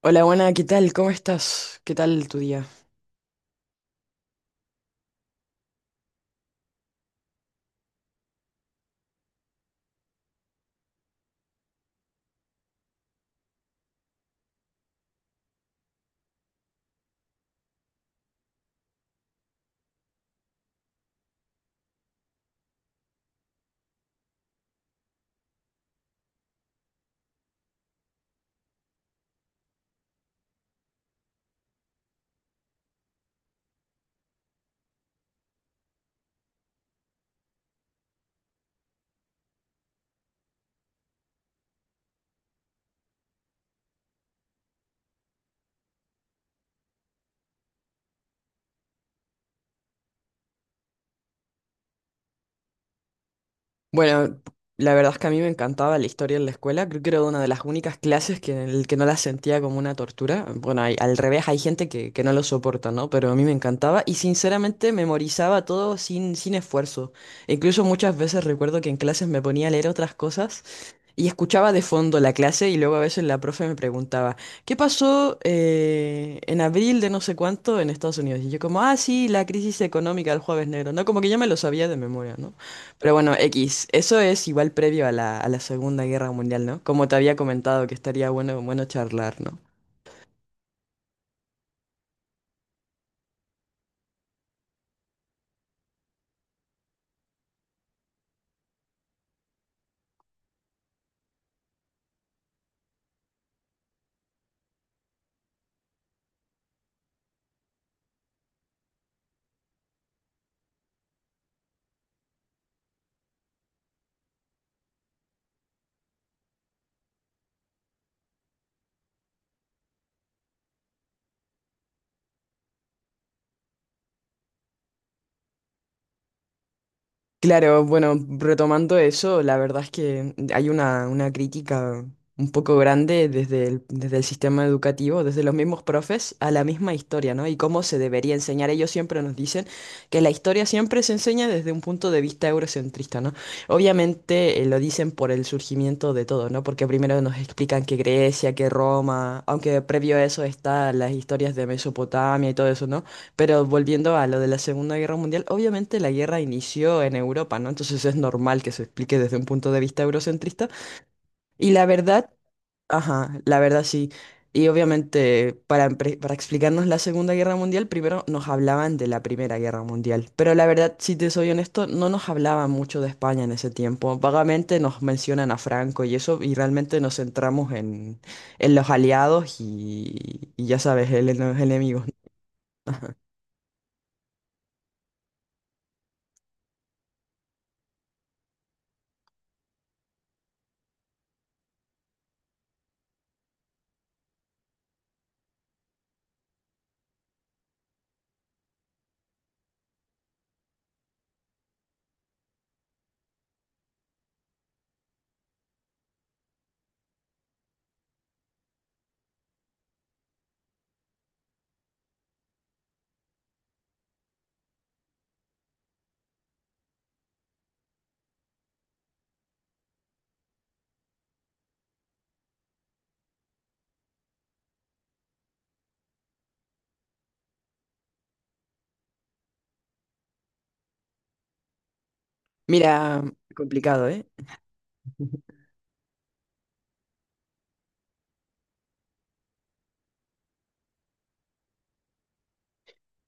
Hola, buena, ¿qué tal? ¿Cómo estás? ¿Qué tal tu día? Bueno, la verdad es que a mí me encantaba la historia en la escuela. Creo que era una de las únicas clases que, en el que no la sentía como una tortura. Bueno, al revés, hay gente que no lo soporta, ¿no? Pero a mí me encantaba y sinceramente memorizaba todo sin esfuerzo. Incluso muchas veces recuerdo que en clases me ponía a leer otras cosas. Y escuchaba de fondo la clase y luego a veces la profe me preguntaba, ¿qué pasó en abril de no sé cuánto en Estados Unidos? Y yo como, ah, sí, la crisis económica del jueves negro, ¿no? Como que ya me lo sabía de memoria, ¿no? Pero bueno, X, eso es igual previo a la Segunda Guerra Mundial, ¿no? Como te había comentado que estaría bueno, bueno charlar, ¿no? Claro, bueno, retomando eso, la verdad es que hay una crítica un poco grande desde el sistema educativo, desde los mismos profes, a la misma historia, ¿no? Y cómo se debería enseñar. Ellos siempre nos dicen que la historia siempre se enseña desde un punto de vista eurocentrista, ¿no? Obviamente lo dicen por el surgimiento de todo, ¿no? Porque primero nos explican que Grecia, que Roma, aunque previo a eso está las historias de Mesopotamia y todo eso, ¿no? Pero volviendo a lo de la Segunda Guerra Mundial, obviamente la guerra inició en Europa, ¿no? Entonces es normal que se explique desde un punto de vista eurocentrista. Y la verdad, ajá, la verdad sí. Y obviamente para, para explicarnos la Segunda Guerra Mundial, primero nos hablaban de la Primera Guerra Mundial. Pero la verdad, si te soy honesto, no nos hablaban mucho de España en ese tiempo. Vagamente nos mencionan a Franco y eso, y realmente nos centramos en los aliados y ya sabes, en los enemigos. Mira, complicado, ¿eh?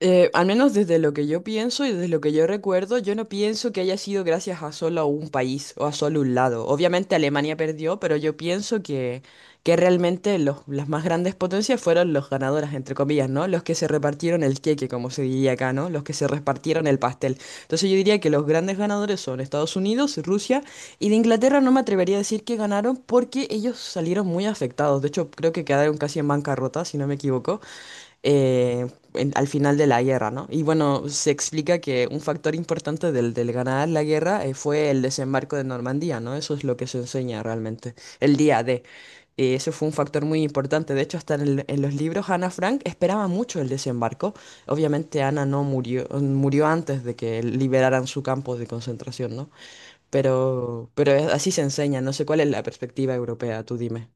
Al menos desde lo que yo pienso y desde lo que yo recuerdo, yo no pienso que haya sido gracias a solo un país o a solo un lado. Obviamente Alemania perdió, pero yo pienso que realmente las más grandes potencias fueron los ganadores, entre comillas, ¿no? Los que se repartieron el queque, como se diría acá, ¿no? Los que se repartieron el pastel. Entonces yo diría que los grandes ganadores son Estados Unidos, Rusia y de Inglaterra no me atrevería a decir que ganaron porque ellos salieron muy afectados. De hecho, creo que quedaron casi en bancarrota, si no me equivoco. eh, Al final de la guerra, ¿no? Y bueno, se explica que un factor importante del ganar la guerra fue el desembarco de Normandía, ¿no? Eso es lo que se enseña realmente, el día de. Eso fue un factor muy importante. De hecho, en los libros, Ana Frank esperaba mucho el desembarco. Obviamente, Ana no murió, murió antes de que liberaran su campo de concentración, ¿no? Pero así se enseña. No sé cuál es la perspectiva europea, tú dime.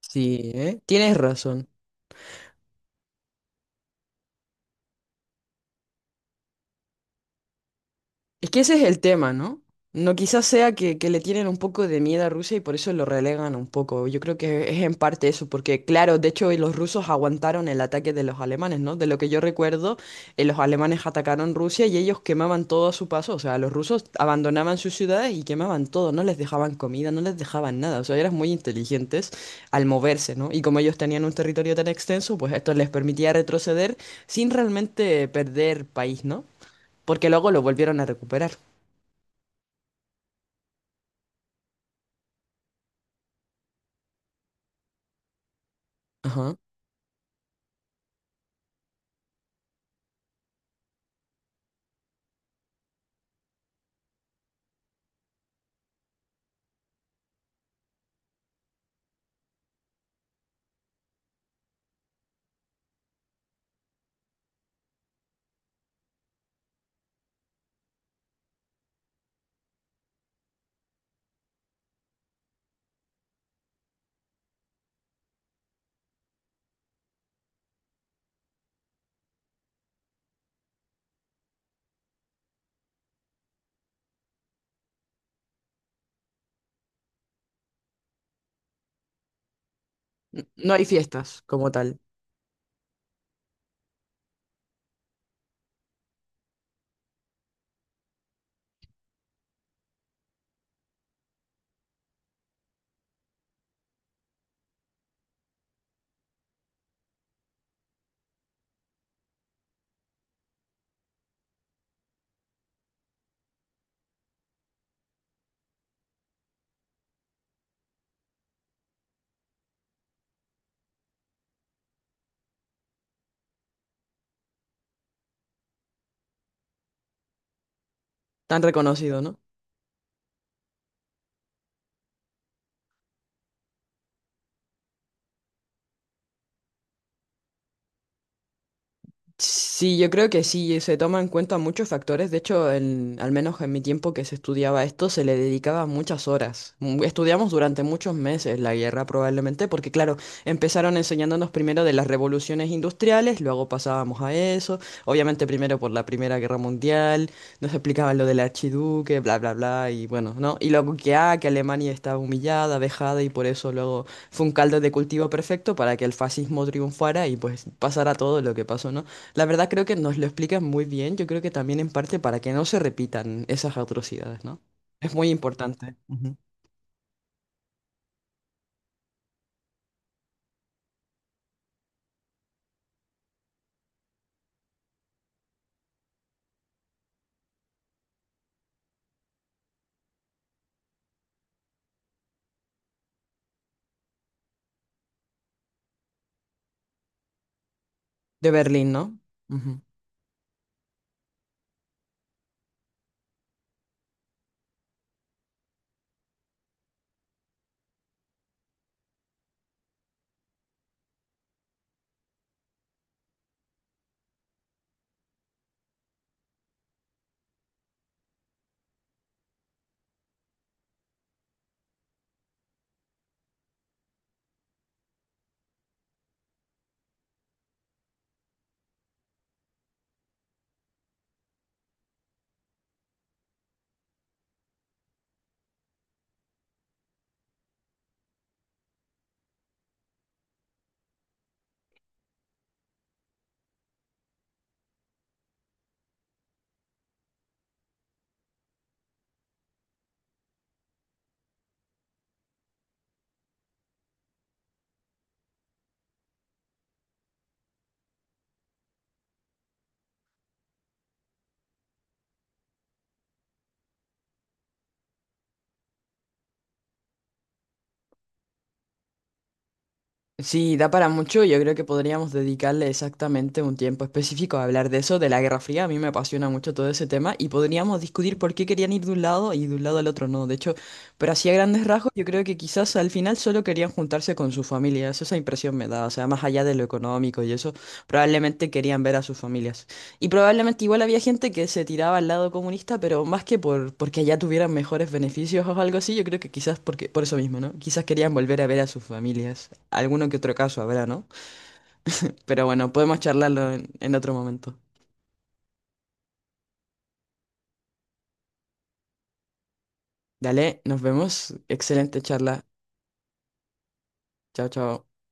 Sí, ¿eh? Tienes razón. Es que ese es el tema, ¿no? No quizás sea que le tienen un poco de miedo a Rusia y por eso lo relegan un poco. Yo creo que es en parte eso, porque claro, de hecho los rusos aguantaron el ataque de los alemanes, ¿no? De lo que yo recuerdo, los alemanes atacaron Rusia y ellos quemaban todo a su paso. O sea, los rusos abandonaban sus ciudades y quemaban todo, no les dejaban comida, no les dejaban nada. O sea, eran muy inteligentes al moverse, ¿no? Y como ellos tenían un territorio tan extenso, pues esto les permitía retroceder sin realmente perder país, ¿no? Porque luego lo volvieron a recuperar. Ajá. No hay fiestas como tal, tan reconocido, ¿no? Sí, yo creo que sí, se toman en cuenta muchos factores. De hecho, al menos en mi tiempo que se estudiaba esto, se le dedicaba muchas horas. Mm, estudiamos durante muchos meses la guerra probablemente, porque claro, empezaron enseñándonos primero de las revoluciones industriales, luego pasábamos a eso, obviamente primero por la Primera Guerra Mundial, nos explicaban lo del archiduque, bla, bla, bla, y bueno, ¿no? Y luego que, ah, que Alemania estaba humillada, vejada, y por eso luego fue un caldo de cultivo perfecto para que el fascismo triunfara y pues pasara todo lo que pasó, ¿no? La verdad creo que nos lo explican muy bien, yo creo que también en parte para que no se repitan esas atrocidades, ¿no? Es muy importante. Ujú. De Berlín, ¿no? Ujú. Sí, da para mucho, yo creo que podríamos dedicarle exactamente un tiempo específico a hablar de eso, de la Guerra Fría, a mí me apasiona mucho todo ese tema y podríamos discutir por qué querían ir de un lado y de un lado al otro no, de hecho, pero así a grandes rasgos yo creo que quizás al final solo querían juntarse con su familia, esa impresión me da, o sea, más allá de lo económico y eso, probablemente querían ver a sus familias. Y probablemente igual había gente que se tiraba al lado comunista, pero más que por porque allá tuvieran mejores beneficios o algo así, yo creo que quizás porque por eso mismo, ¿no? Quizás querían volver a ver a sus familias. Alguno que otro caso habrá, ¿no? Pero bueno, podemos charlarlo en otro momento. Dale, nos vemos. Excelente charla. Chao, chao.